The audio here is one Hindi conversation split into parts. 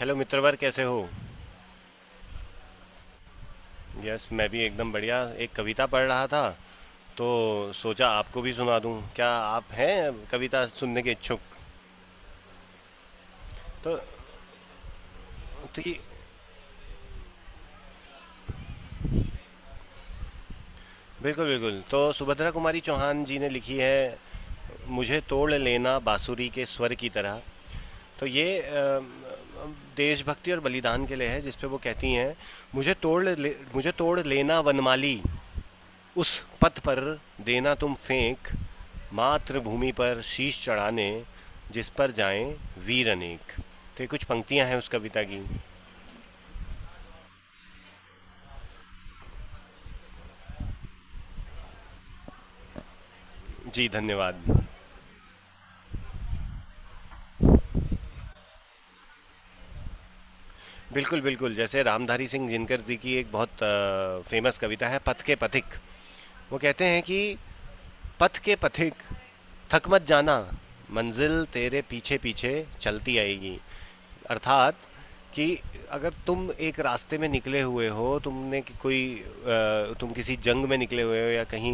हेलो मित्रवर, कैसे हो? यस, मैं भी एकदम बढ़िया। एक कविता पढ़ रहा था, तो सोचा आपको भी सुना दूं। क्या आप हैं कविता सुनने के इच्छुक? तो ठीक। बिल्कुल बिल्कुल, तो सुभद्रा कुमारी चौहान जी ने लिखी है मुझे तोड़ लेना बांसुरी के स्वर की तरह। तो ये देशभक्ति और बलिदान के लिए है, जिस पे वो कहती हैं मुझे तोड़ ले, मुझे तोड़ लेना वनमाली, उस पथ पर देना तुम फेंक, मातृभूमि पर शीश चढ़ाने जिस पर जाएं वीर अनेक। तो ये कुछ पंक्तियां हैं उस कविता की। जी धन्यवाद। बिल्कुल बिल्कुल, जैसे रामधारी सिंह जिनकर जी की एक बहुत फेमस कविता है पथ के पथिक। वो कहते हैं कि पथ के पथिक, थक मत जाना, मंजिल तेरे पीछे पीछे चलती आएगी। अर्थात कि अगर तुम एक रास्ते में निकले हुए हो, तुमने कि- कोई अ, तुम किसी जंग में निकले हुए हो या कहीं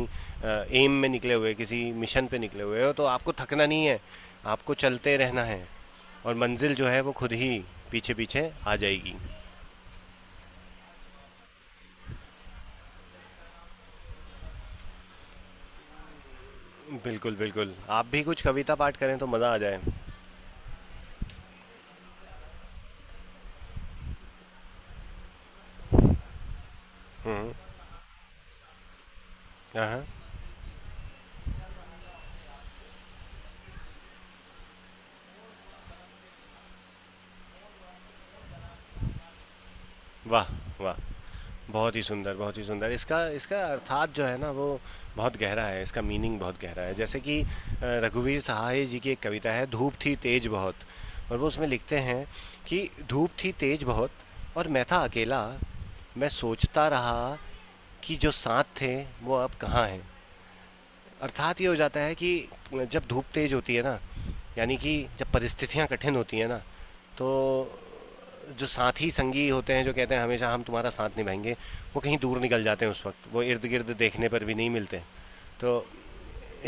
एम में निकले हुए, किसी मिशन पे निकले हुए हो, तो आपको थकना नहीं है। आपको चलते रहना है और मंजिल जो है वो खुद ही पीछे पीछे आ जाएगी। बिल्कुल बिल्कुल, आप भी कुछ कविता पाठ करें तो मज़ा आ जाए। हम्म, हाँ हाँ। वाह वाह, बहुत ही सुंदर, बहुत ही सुंदर। इसका इसका अर्थात जो है ना वो बहुत गहरा है, इसका मीनिंग बहुत गहरा है। जैसे कि रघुवीर सहाय जी की एक कविता है धूप थी तेज बहुत, और वो उसमें लिखते हैं कि धूप थी तेज बहुत और मैं था अकेला, मैं सोचता रहा कि जो साथ थे वो अब कहाँ हैं। अर्थात ये हो जाता है कि जब धूप तेज होती है ना, यानी कि जब परिस्थितियाँ कठिन होती हैं ना, तो जो साथी संगी होते हैं जो कहते हैं हमेशा हम तुम्हारा साथ निभाएंगे, वो कहीं दूर निकल जाते हैं। उस वक्त वो इर्द गिर्द देखने पर भी नहीं मिलते। तो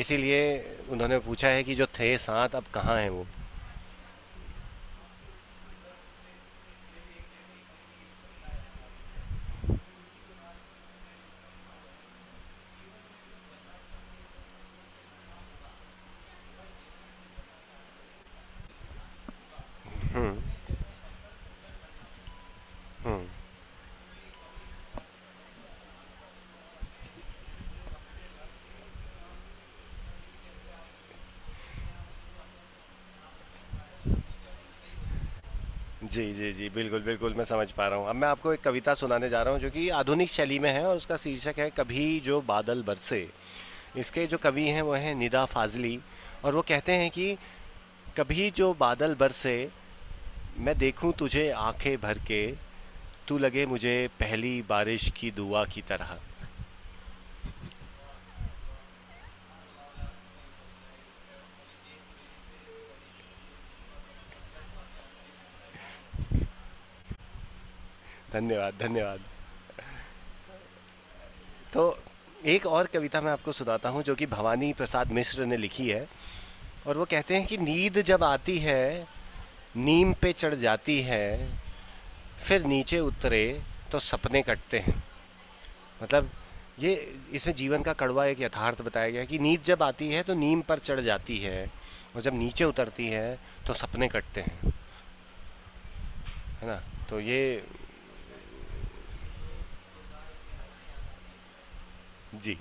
इसीलिए उन्होंने पूछा है कि जो थे साथ, अब कहाँ हैं वो। हम्म। हम्म। जी जी जी, बिल्कुल बिल्कुल, मैं समझ पा रहा हूँ। अब मैं आपको एक कविता सुनाने जा रहा हूँ, जो कि आधुनिक शैली में है और उसका शीर्षक है कभी जो बादल बरसे। इसके जो कवि हैं वो हैं निदा फाजली। और वो कहते हैं कि कभी जो बादल बरसे, मैं देखूं तुझे आंखें भर के, तू लगे मुझे पहली बारिश की दुआ की तरह। धन्यवाद धन्यवाद। तो एक और कविता मैं आपको सुनाता हूँ, जो कि भवानी प्रसाद मिश्र ने लिखी है। और वो कहते हैं कि नींद जब आती है नीम पे चढ़ जाती है, फिर नीचे उतरे तो सपने कटते हैं। मतलब ये, इसमें जीवन का कड़वा एक यथार्थ बताया गया है कि नींद जब आती है तो नीम पर चढ़ जाती है, और जब नीचे उतरती है तो सपने कटते हैं। है ना। तो ये। जी।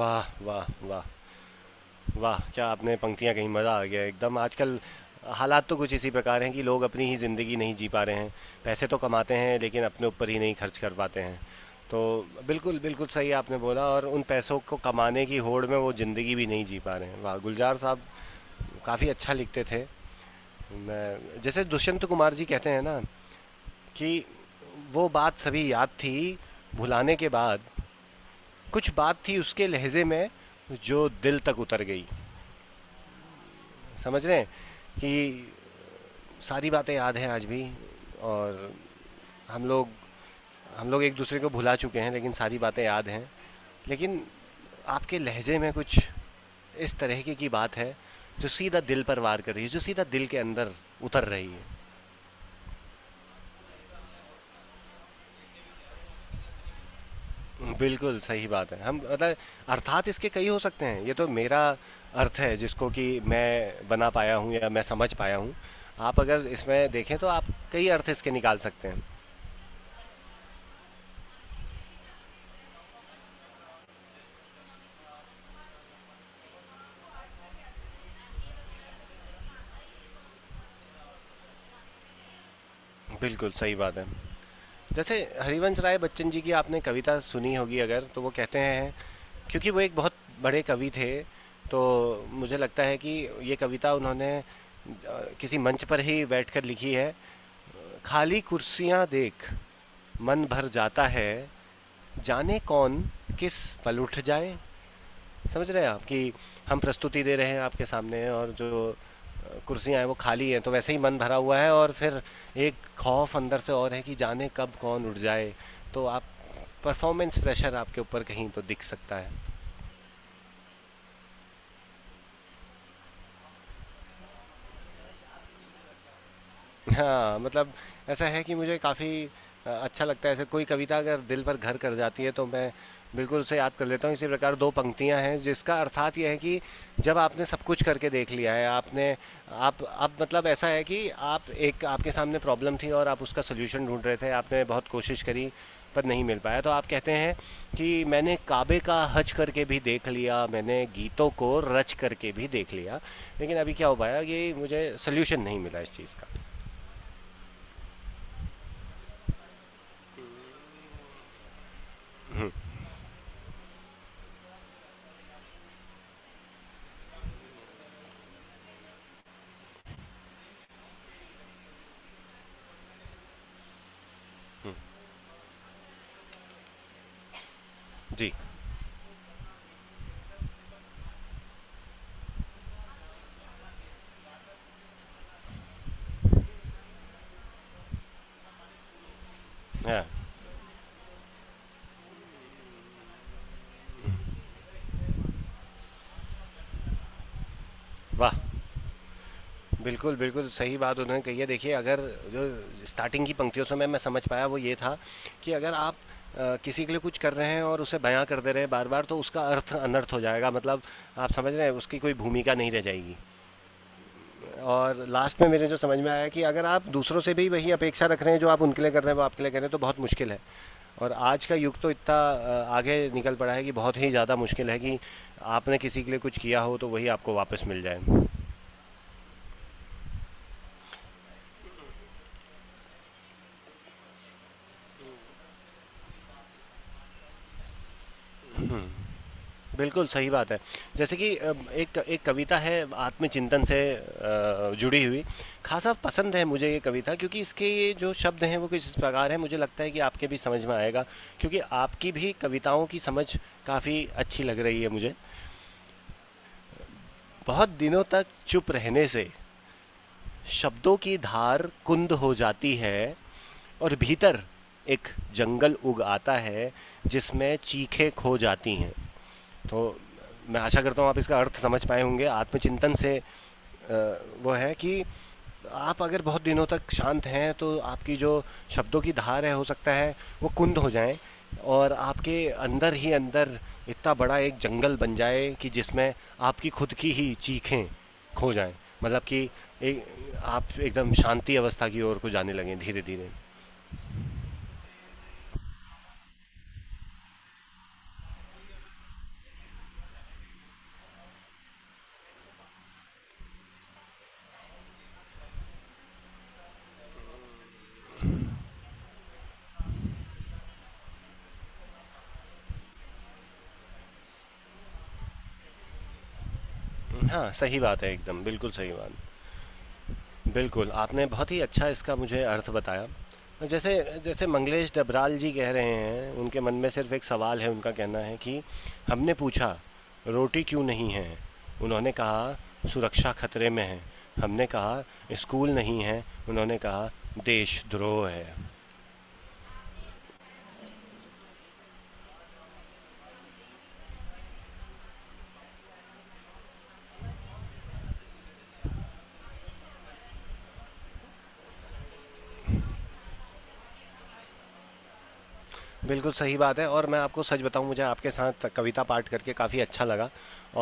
वाह वाह वाह। वाह, क्या आपने पंक्तियाँ कहीं, मज़ा आ गया। एकदम आजकल हालात तो कुछ इसी प्रकार हैं कि लोग अपनी ही ज़िंदगी नहीं जी पा रहे हैं। पैसे तो कमाते हैं लेकिन अपने ऊपर ही नहीं खर्च कर पाते हैं। तो बिल्कुल बिल्कुल सही आपने बोला, और उन पैसों को कमाने की होड़ में वो ज़िंदगी भी नहीं जी पा रहे हैं। वाह गुलजार साहब काफ़ी अच्छा लिखते थे। मैं जैसे दुष्यंत कुमार जी कहते हैं ना कि वो बात सभी याद थी भुलाने के बाद, कुछ बात थी उसके लहजे में जो दिल तक उतर गई। समझ रहे हैं कि सारी बातें याद हैं आज भी, और हम लोग एक दूसरे को भुला चुके हैं लेकिन सारी बातें याद हैं। लेकिन आपके लहजे में कुछ इस तरीके की बात है जो सीधा दिल पर वार कर रही है, जो सीधा दिल के अंदर उतर रही है। बिल्कुल, सही बात है। हम मतलब अर्थात इसके कई हो सकते हैं। ये तो मेरा अर्थ है जिसको कि मैं बना पाया हूँ या मैं समझ पाया हूँ। आप अगर इसमें देखें तो आप कई अर्थ इसके निकाल सकते हैं। बिल्कुल, सही बात है। जैसे हरिवंश राय बच्चन जी की आपने कविता सुनी होगी अगर, तो वो कहते हैं, क्योंकि वो एक बहुत बड़े कवि थे, तो मुझे लगता है कि ये कविता उन्होंने किसी मंच पर ही बैठकर लिखी है। खाली कुर्सियाँ देख मन भर जाता है, जाने कौन किस पल उठ जाए। समझ रहे हैं आप कि हम प्रस्तुति दे रहे हैं आपके सामने, और जो कुर्सियां हैं वो खाली हैं, तो वैसे ही मन भरा हुआ है और फिर एक खौफ अंदर से और है कि जाने कब कौन उठ जाए। तो आप परफॉर्मेंस प्रेशर आपके ऊपर कहीं तो दिख सकता है। हाँ, मतलब ऐसा है कि मुझे काफ़ी अच्छा लगता है। ऐसे कोई कविता अगर दिल पर घर कर जाती है तो मैं बिल्कुल उसे याद कर लेता हूँ। इसी प्रकार 2 पंक्तियाँ हैं जिसका अर्थात ये है कि जब आपने सब कुछ करके देख लिया है, आपने, आप अब मतलब ऐसा है कि आप, एक आपके सामने प्रॉब्लम थी और आप उसका सॉल्यूशन ढूँढ रहे थे, आपने बहुत कोशिश करी पर नहीं मिल पाया। तो आप कहते हैं कि मैंने काबे का हज करके भी देख लिया, मैंने गीतों को रच करके भी देख लिया, लेकिन अभी क्या हो पाया कि मुझे सॉल्यूशन नहीं मिला इस चीज़ का। हम्म, जी। हाँ वाह, बिल्कुल बिल्कुल सही बात उन्होंने कही है। देखिए, अगर जो स्टार्टिंग की पंक्तियों से मैं समझ पाया वो ये था कि अगर आप किसी के लिए कुछ कर रहे हैं और उसे बयां कर दे रहे हैं बार बार, तो उसका अर्थ अनर्थ हो जाएगा। मतलब, आप समझ रहे हैं, उसकी कोई भूमिका नहीं रह जाएगी। और लास्ट में मेरे जो समझ में आया कि अगर आप दूसरों से भी वही अपेक्षा रख रहे हैं जो आप उनके लिए कर रहे हैं वो आपके लिए कर रहे हैं, तो बहुत मुश्किल है। और आज का युग तो इतना आगे निकल पड़ा है कि बहुत ही ज़्यादा मुश्किल है कि आपने किसी के लिए कुछ किया हो तो वही आपको वापस मिल जाए। बिल्कुल सही बात है। जैसे कि एक एक कविता है आत्मचिंतन से जुड़ी हुई। खासा पसंद है मुझे ये कविता, क्योंकि इसके ये जो शब्द हैं वो कुछ इस प्रकार हैं, मुझे लगता है कि आपके भी समझ में आएगा, क्योंकि आपकी भी कविताओं की समझ काफ़ी अच्छी लग रही है मुझे। बहुत दिनों तक चुप रहने से शब्दों की धार कुंद हो जाती है, और भीतर एक जंगल उग आता है जिसमें चीखें खो जाती हैं। तो मैं आशा करता हूँ आप इसका अर्थ समझ पाए होंगे। आत्मचिंतन से वो है कि आप अगर बहुत दिनों तक शांत हैं तो आपकी जो शब्दों की धार है, हो सकता है वो कुंद हो जाए, और आपके अंदर ही अंदर इतना बड़ा एक जंगल बन जाए कि जिसमें आपकी खुद की ही चीखें खो जाएं। मतलब कि एक, आप एकदम शांति अवस्था की ओर को जाने लगें धीरे धीरे। हाँ सही बात है, एकदम बिल्कुल सही बात। बिल्कुल, आपने बहुत ही अच्छा इसका मुझे अर्थ बताया। जैसे जैसे मंगलेश डबराल जी कह रहे हैं, उनके मन में सिर्फ़ एक सवाल है, उनका कहना है कि हमने पूछा, रोटी क्यों नहीं है? उन्होंने कहा, सुरक्षा खतरे में है। हमने कहा, स्कूल नहीं है। उन्होंने कहा, देशद्रोह है। बिल्कुल सही बात है, और मैं आपको सच बताऊं, मुझे आपके साथ कविता पाठ करके काफ़ी अच्छा लगा,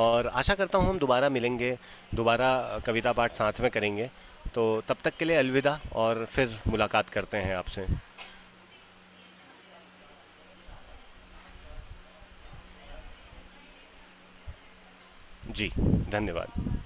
और आशा करता हूं हम दोबारा मिलेंगे, दोबारा कविता पाठ साथ में करेंगे। तो तब तक के लिए अलविदा, और फिर मुलाकात करते हैं आपसे। जी धन्यवाद।